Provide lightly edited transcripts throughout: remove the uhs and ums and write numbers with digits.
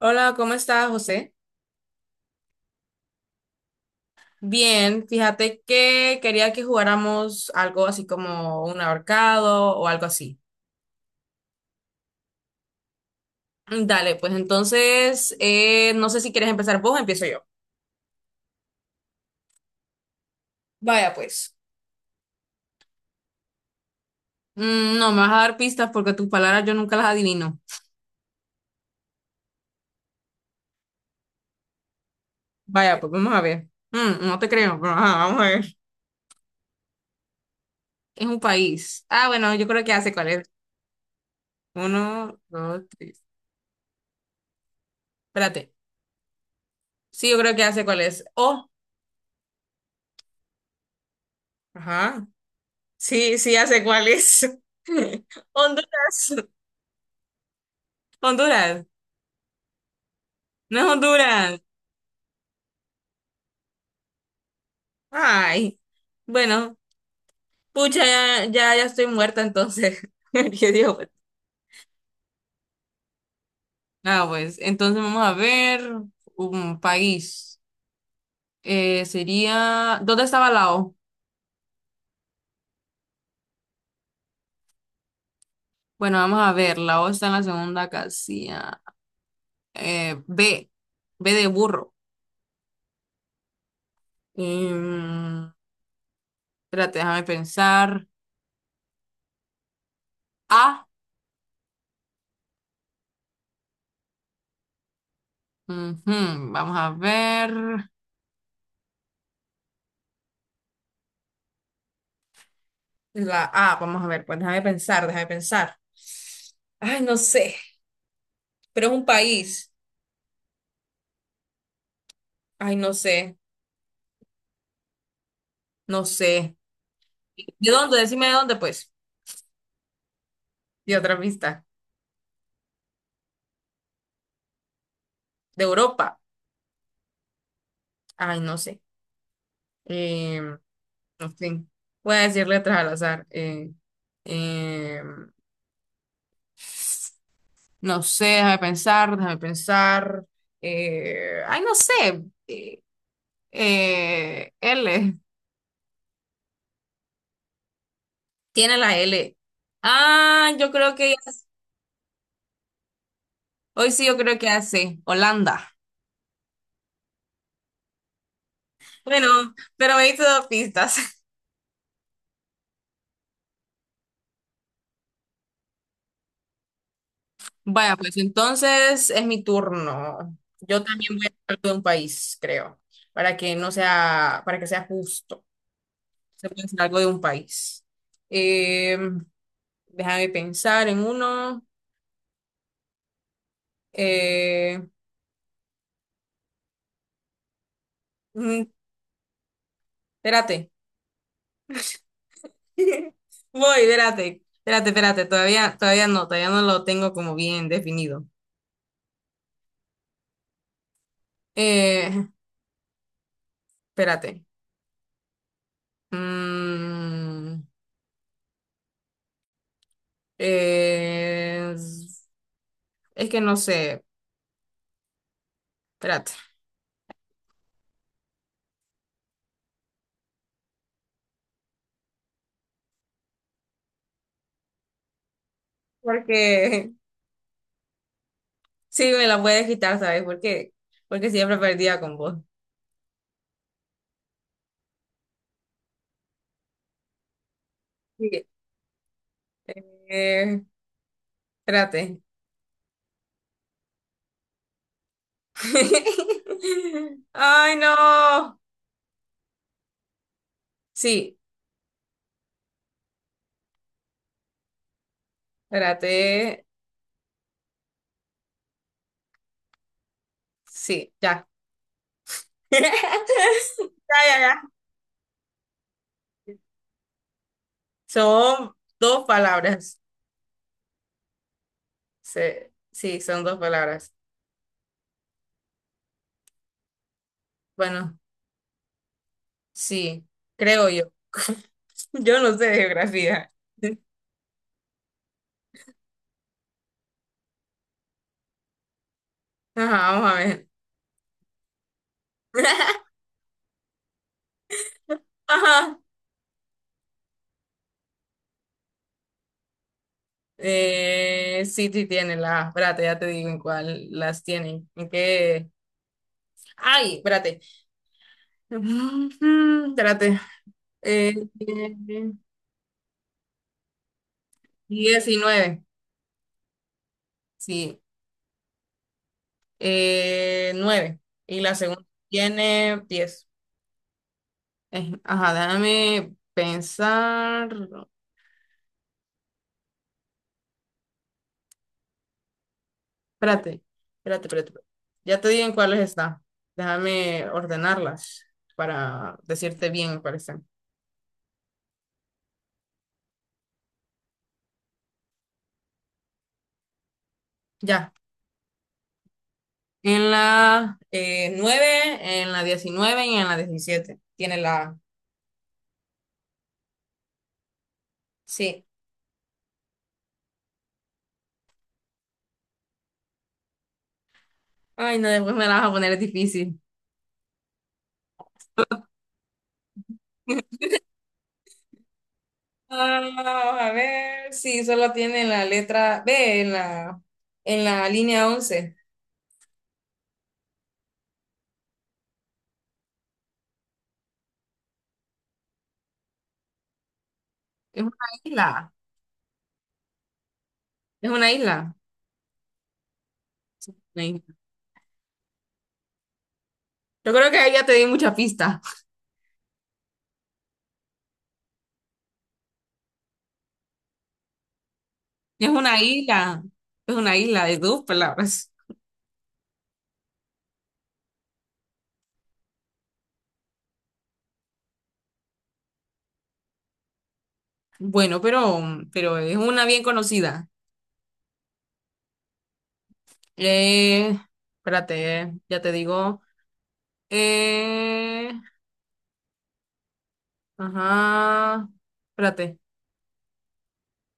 Hola, ¿cómo estás, José? Bien, fíjate que quería que jugáramos algo así como un ahorcado o algo así. Dale, pues entonces, no sé si quieres empezar vos o empiezo yo. Vaya, pues. No, me vas a dar pistas porque tus palabras yo nunca las adivino. Vaya, pues vamos a ver. No te creo, pero ajá, vamos a ver. Es un país. Ah, bueno, yo creo que hace cuál es. Uno, dos, tres. Espérate. Sí, yo creo que hace cuál es. Oh, ajá. Sí, sí, hace cuál es. Honduras. Honduras, no es Honduras. Ay, bueno, pucha, ya, ya, ya estoy muerta entonces. ¿Qué digo? Ah, pues, entonces vamos a ver un país. Sería, ¿dónde estaba Lao? Bueno, vamos a ver, Lao está en la segunda casilla. B, B de burro. Em, espérate, déjame pensar. A, ujú, vamos a ver. La A, vamos a ver, pues déjame pensar, déjame pensar. Ay, no sé, pero es un país. Ay, no sé, no sé. ¿De dónde? Decime de dónde, pues. De otra pista. De Europa. Ay, no sé. Eh, no sé. Voy a decir letras al azar. Eh, no sé, déjame pensar, déjame pensar. Ay, no sé. Eh, L. Tiene la L. Ah, yo creo que hoy sí, yo creo que hace Holanda. Bueno, pero me diste dos pistas. Vaya, pues entonces es mi turno. Yo también voy a hablar de un país, creo, para que no sea, para que sea justo. Se puede decir algo de un país. Eh, déjame pensar en uno. Eh, mm, espérate. Espérate. Espérate, espérate. Todavía no lo tengo como bien definido. Eh, espérate. Mm, eh, Es que no sé, espérate. Porque sí, me la puedes quitar, ¿sabes? Porque siempre perdía con vos. Sí. Eh, espérate. Ay, no. Sí, espérate. Sí, ya. Ya, ya, ya. Son dos palabras. Sí, son dos palabras. Bueno, sí, creo yo. Yo no sé de geografía. Ajá, vamos a ver. Ajá. Sí, sí espérate, ya te digo en cuál las tienen. ¿En qué? Ay, espérate. Espérate. Eh, 19, sí. 9. Y la segunda tiene 10. Ajá, déjame pensar. Espérate, espérate, espérate. Ya te digo en cuáles está. Déjame ordenarlas para decirte bien, me parece. Ya. En la 9, en la 19 y en la 17 tiene la A. Sí. Ay, no, después me la vas a poner, es difícil. Ah, a ver. Sí, solo tiene la letra B en la, línea 11. Es una isla. Es una isla. Una isla. Yo creo que ahí ya te di mucha pista. Es una isla. Es una isla de dos palabras. Bueno, pero es una bien conocida. Eh, espérate, ya te digo. Eh, Ajá. Espérate.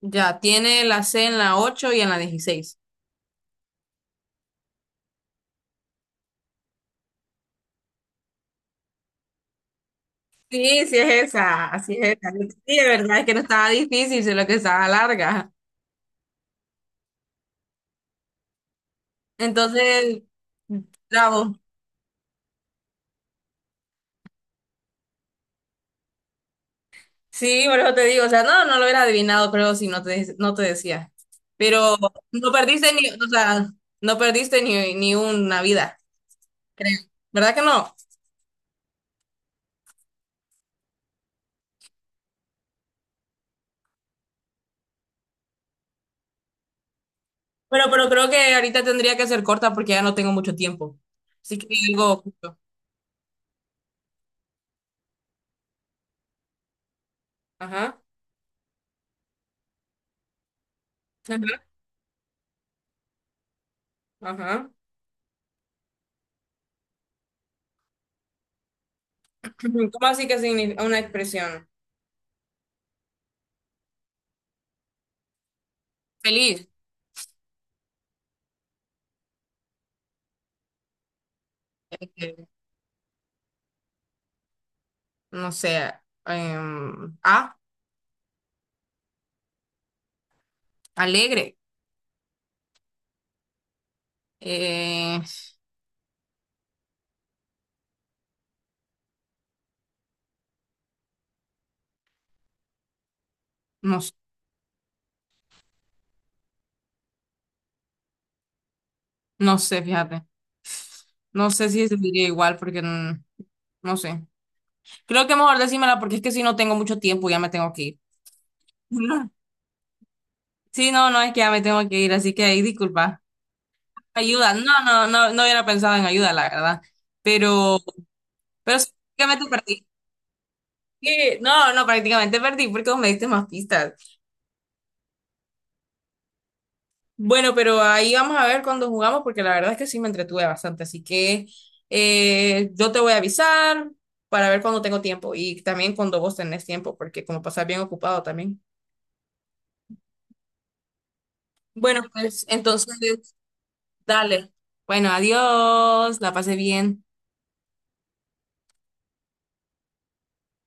Ya, tiene la C en la 8 y en la 16. Sí, sí es esa, así es esa. Sí, de verdad es que no estaba difícil, sino que estaba larga. Entonces, bravo. Sí, por eso te digo, o sea, no, no lo hubiera adivinado, creo, si no te decía. Pero no perdiste ni, o sea, no perdiste ni una vida, creo. ¿Verdad que no? Pero creo que ahorita tendría que ser corta porque ya no tengo mucho tiempo. Así que algo justo. Ajá, ajá, ajá. Ujú, ¿cómo así que significa una expresión? Feliz, eh, no sé, ah, alegre, eh, no, no sé, fíjate, no sé si se diría igual porque no sé. Creo que mejor decímela porque es que si no tengo mucho tiempo ya me tengo que ir. Sí, no, no, es que ya me tengo que ir, así que ahí disculpa. Ayuda, no, no, no, no hubiera pensado en ayuda, la verdad, pero, pero sí, prácticamente perdí. Sí, no, no, prácticamente perdí porque vos me diste más pistas. Bueno, pero ahí vamos a ver cuando jugamos, porque la verdad es que sí me entretuve bastante. Así que yo te voy a avisar para ver cuando tengo tiempo y también cuando vos tenés tiempo, porque como pasás bien ocupado también. Bueno, pues entonces, dale. Bueno, adiós, la pasé bien.